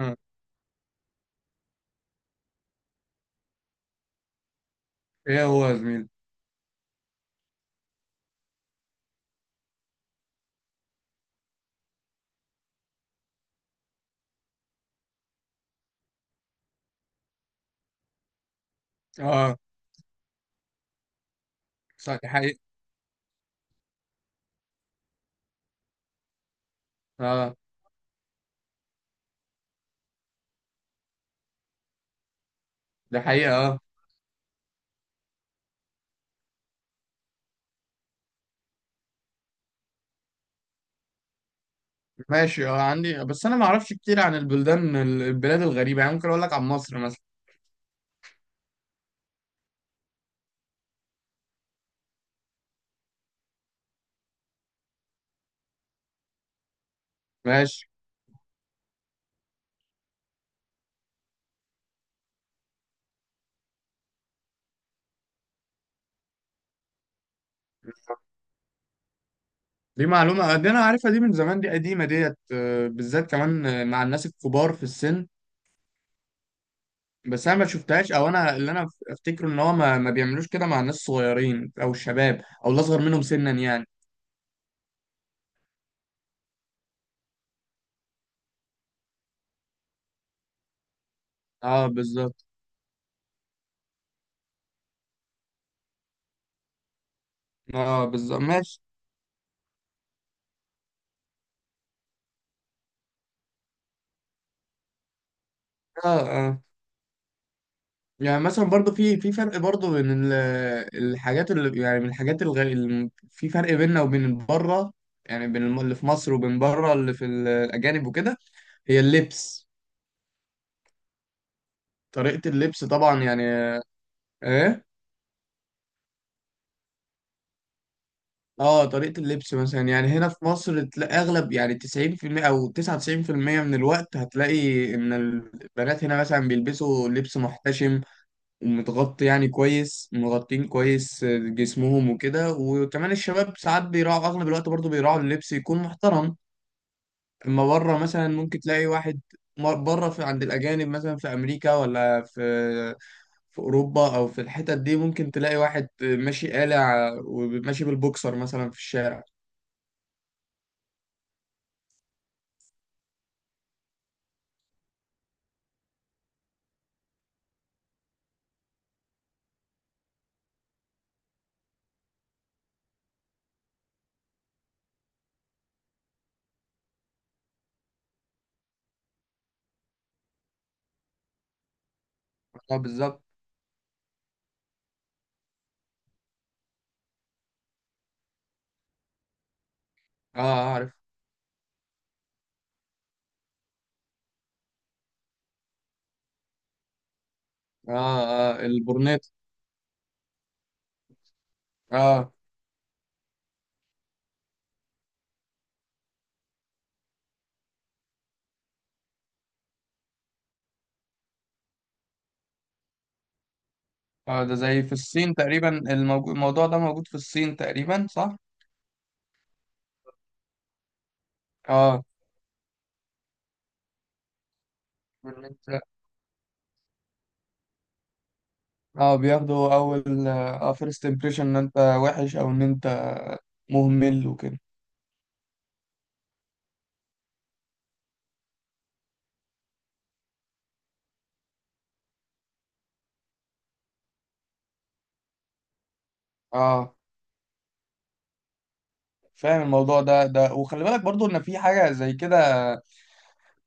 آه. ايه هو يا زميلي؟ اه، صح دي حقيقة. اه، ده حقيقة. اه ماشي، اه عندي، بس انا ما اعرفش كتير عن البلدان، الغريبة يعني. ممكن اقول لك عن مصر مثلا. ماشي، دي معلومة، دي انا عارفها، دي من زمان، دي قديمة ديت، آه، بالذات كمان آه، مع الناس الكبار في السن. بس انا ما شفتهاش، او انا اللي انا افتكره ان هو ما بيعملوش كده مع الناس الصغيرين او الشباب او الاصغر منهم سنا يعني. اه بالظبط. اه بالظبط ماشي. اه. يعني مثلا برضو في فرق برضو بين الحاجات اللي يعني، من الحاجات اللي في فرق بيننا وبين بره، يعني بين اللي في مصر وبين بره، اللي في الأجانب وكده، هي اللبس. طريقة اللبس طبعا يعني. ايه، اه، طريقة اللبس مثلا، يعني هنا في مصر تلاقي اغلب، يعني 90% او 99% من الوقت هتلاقي ان البنات هنا مثلا بيلبسوا لبس محتشم، متغطي يعني كويس، مغطين كويس آه، جسمهم وكده، وكمان الشباب ساعات بيراعوا اغلب الوقت، برضو بيراعوا اللبس يكون محترم. اما بره مثلا ممكن تلاقي واحد، بره في عند الاجانب مثلا في امريكا ولا في في اوروبا او في الحتت دي، ممكن تلاقي واحد ماشي قالع وماشي بالبوكسر مثلا في الشارع. اه بالظبط. اه آه، عارف. اه. اه البورنيت. اه. اه ده زي في الصين تقريبا، الموضوع ده موجود في الصين تقريبا، صح. اه. اه بياخدوا اول اه فيرست امبريشن ان انت وحش، او ان انت مهمل وكده. اه. فاهم الموضوع ده، ده وخلي بالك برضو ان في حاجه زي كده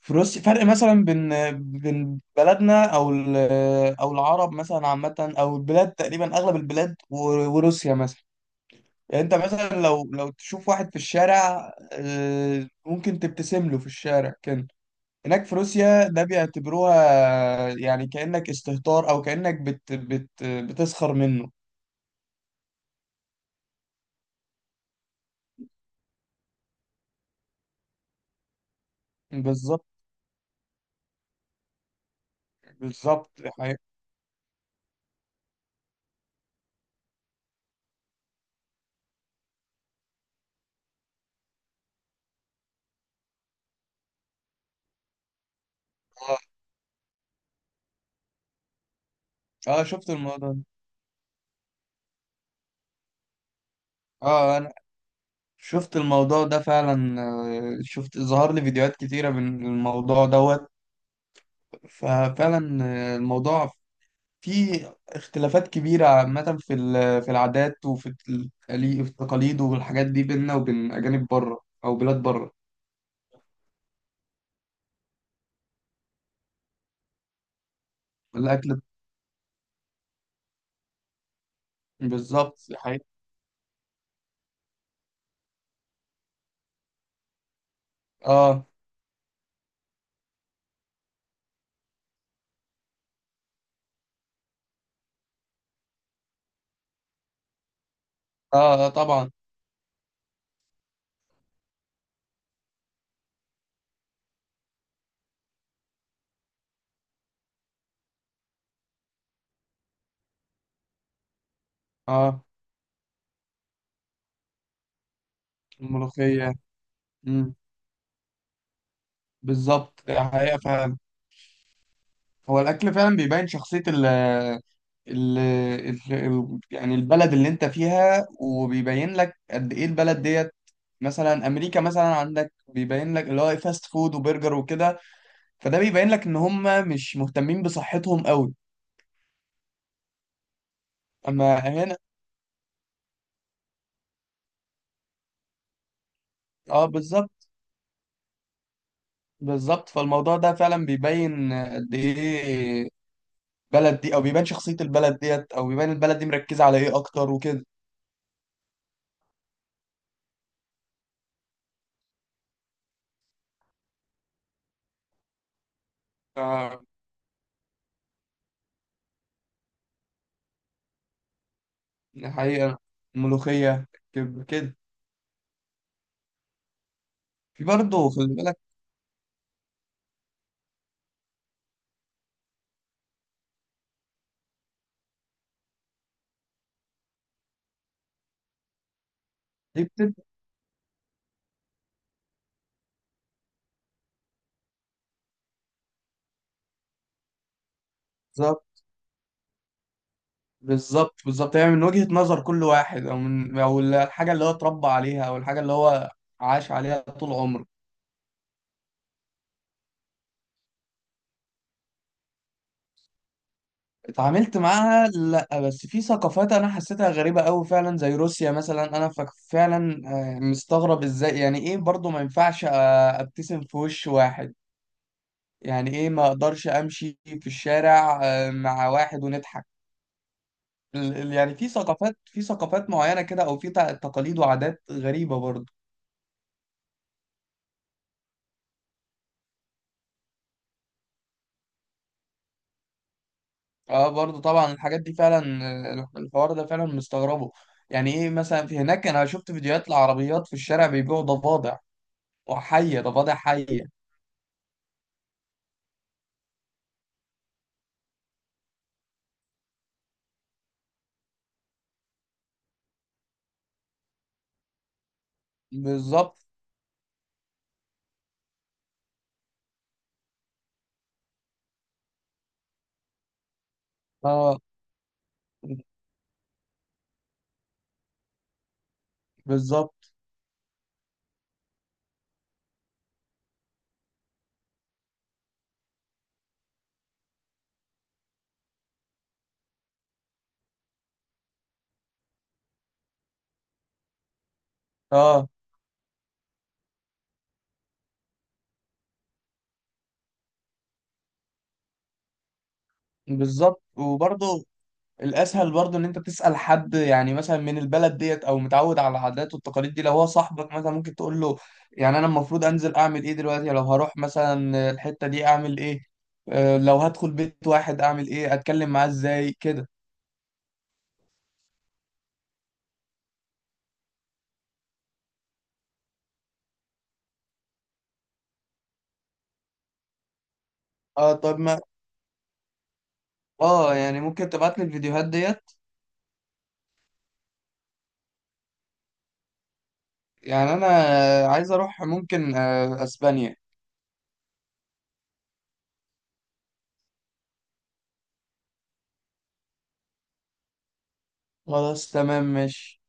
في روسيا. فرق مثلا بين بين بلدنا او او العرب مثلا عامه، او البلاد تقريبا اغلب البلاد، وروسيا مثلا. يعني انت مثلا لو تشوف واحد في الشارع آه، ممكن تبتسم له في الشارع كده، هناك في روسيا ده بيعتبروها يعني كأنك استهتار، او كأنك بت بتسخر منه. بالظبط. بالظبط حقيقة. اه آه، شفت الموضوع ده. اه انا شفت الموضوع ده فعلا آه، شفت ظهر لي فيديوهات كتيرة من الموضوع دوت، ففعلا آه، الموضوع فيه اختلافات كبيرة عامة في في العادات، وفي في التقاليد والحاجات دي، بيننا وبين أجانب بره أو بلاد بره. الأكل. بالظبط حقيقي. اه. اه آه، طبعا. اه. الملوخية. امم. بالظبط ده حقيقة فعلا. هو الأكل فعلا بيبين شخصية ال يعني البلد اللي انت فيها، وبيبين لك قد ايه البلد ديت. مثلا امريكا مثلا، عندك بيبين لك اللي هو فاست فود وبرجر وكده، فده بيبين لك ان هم مش مهتمين بصحتهم قوي. اما هنا، اه بالظبط. بالظبط، فالموضوع ده فعلا بيبين قد ايه البلد دي، او بيبان شخصية البلد ديت، او بيبان البلد دي مركزة على ايه اكتر وكده. ف- حقيقة. الملوخية. كده. في برضه خلي بالك، دي بتبقى بالظبط. بالظبط بالظبط، يعني من وجهة نظر كل واحد، او من، او الحاجة اللي هو اتربى عليها، او الحاجة اللي هو عاش عليها طول عمره. اتعاملت معاها لا، بس في ثقافات انا حسيتها غريبة قوي فعلا، زي روسيا مثلا انا فعلا آه، مستغرب ازاي، يعني ايه برضه ما ينفعش آه، ابتسم في وش واحد، يعني ايه ما اقدرش امشي في الشارع آه، مع واحد ونضحك. يعني في ثقافات، في ثقافات معينة كده، او في تقاليد وعادات غريبة برضه. اه برضه طبعا الحاجات دي فعلا آه، الحوار ده فعلا مستغربه. يعني ايه مثلا، في هناك انا شفت فيديوهات لعربيات في الشارع بيبيعوا ضفادع، وحية، ضفادع حية. بالظبط. اه بالظبط. اه بالظبط وبرضه الاسهل برضو ان انت تسال حد، يعني مثلا من البلد ديت او متعود على العادات والتقاليد دي، لو هو صاحبك مثلا ممكن تقول له يعني انا المفروض انزل اعمل ايه دلوقتي، لو هروح مثلا الحته دي اعمل ايه، آه، لو هدخل بيت واحد اعمل ايه، اتكلم معاه ازاي كده. اه طب ما، اه يعني ممكن تبعت لي الفيديوهات ديت. يعني انا عايز اروح ممكن آه، اسبانيا. خلاص تمام ماشي.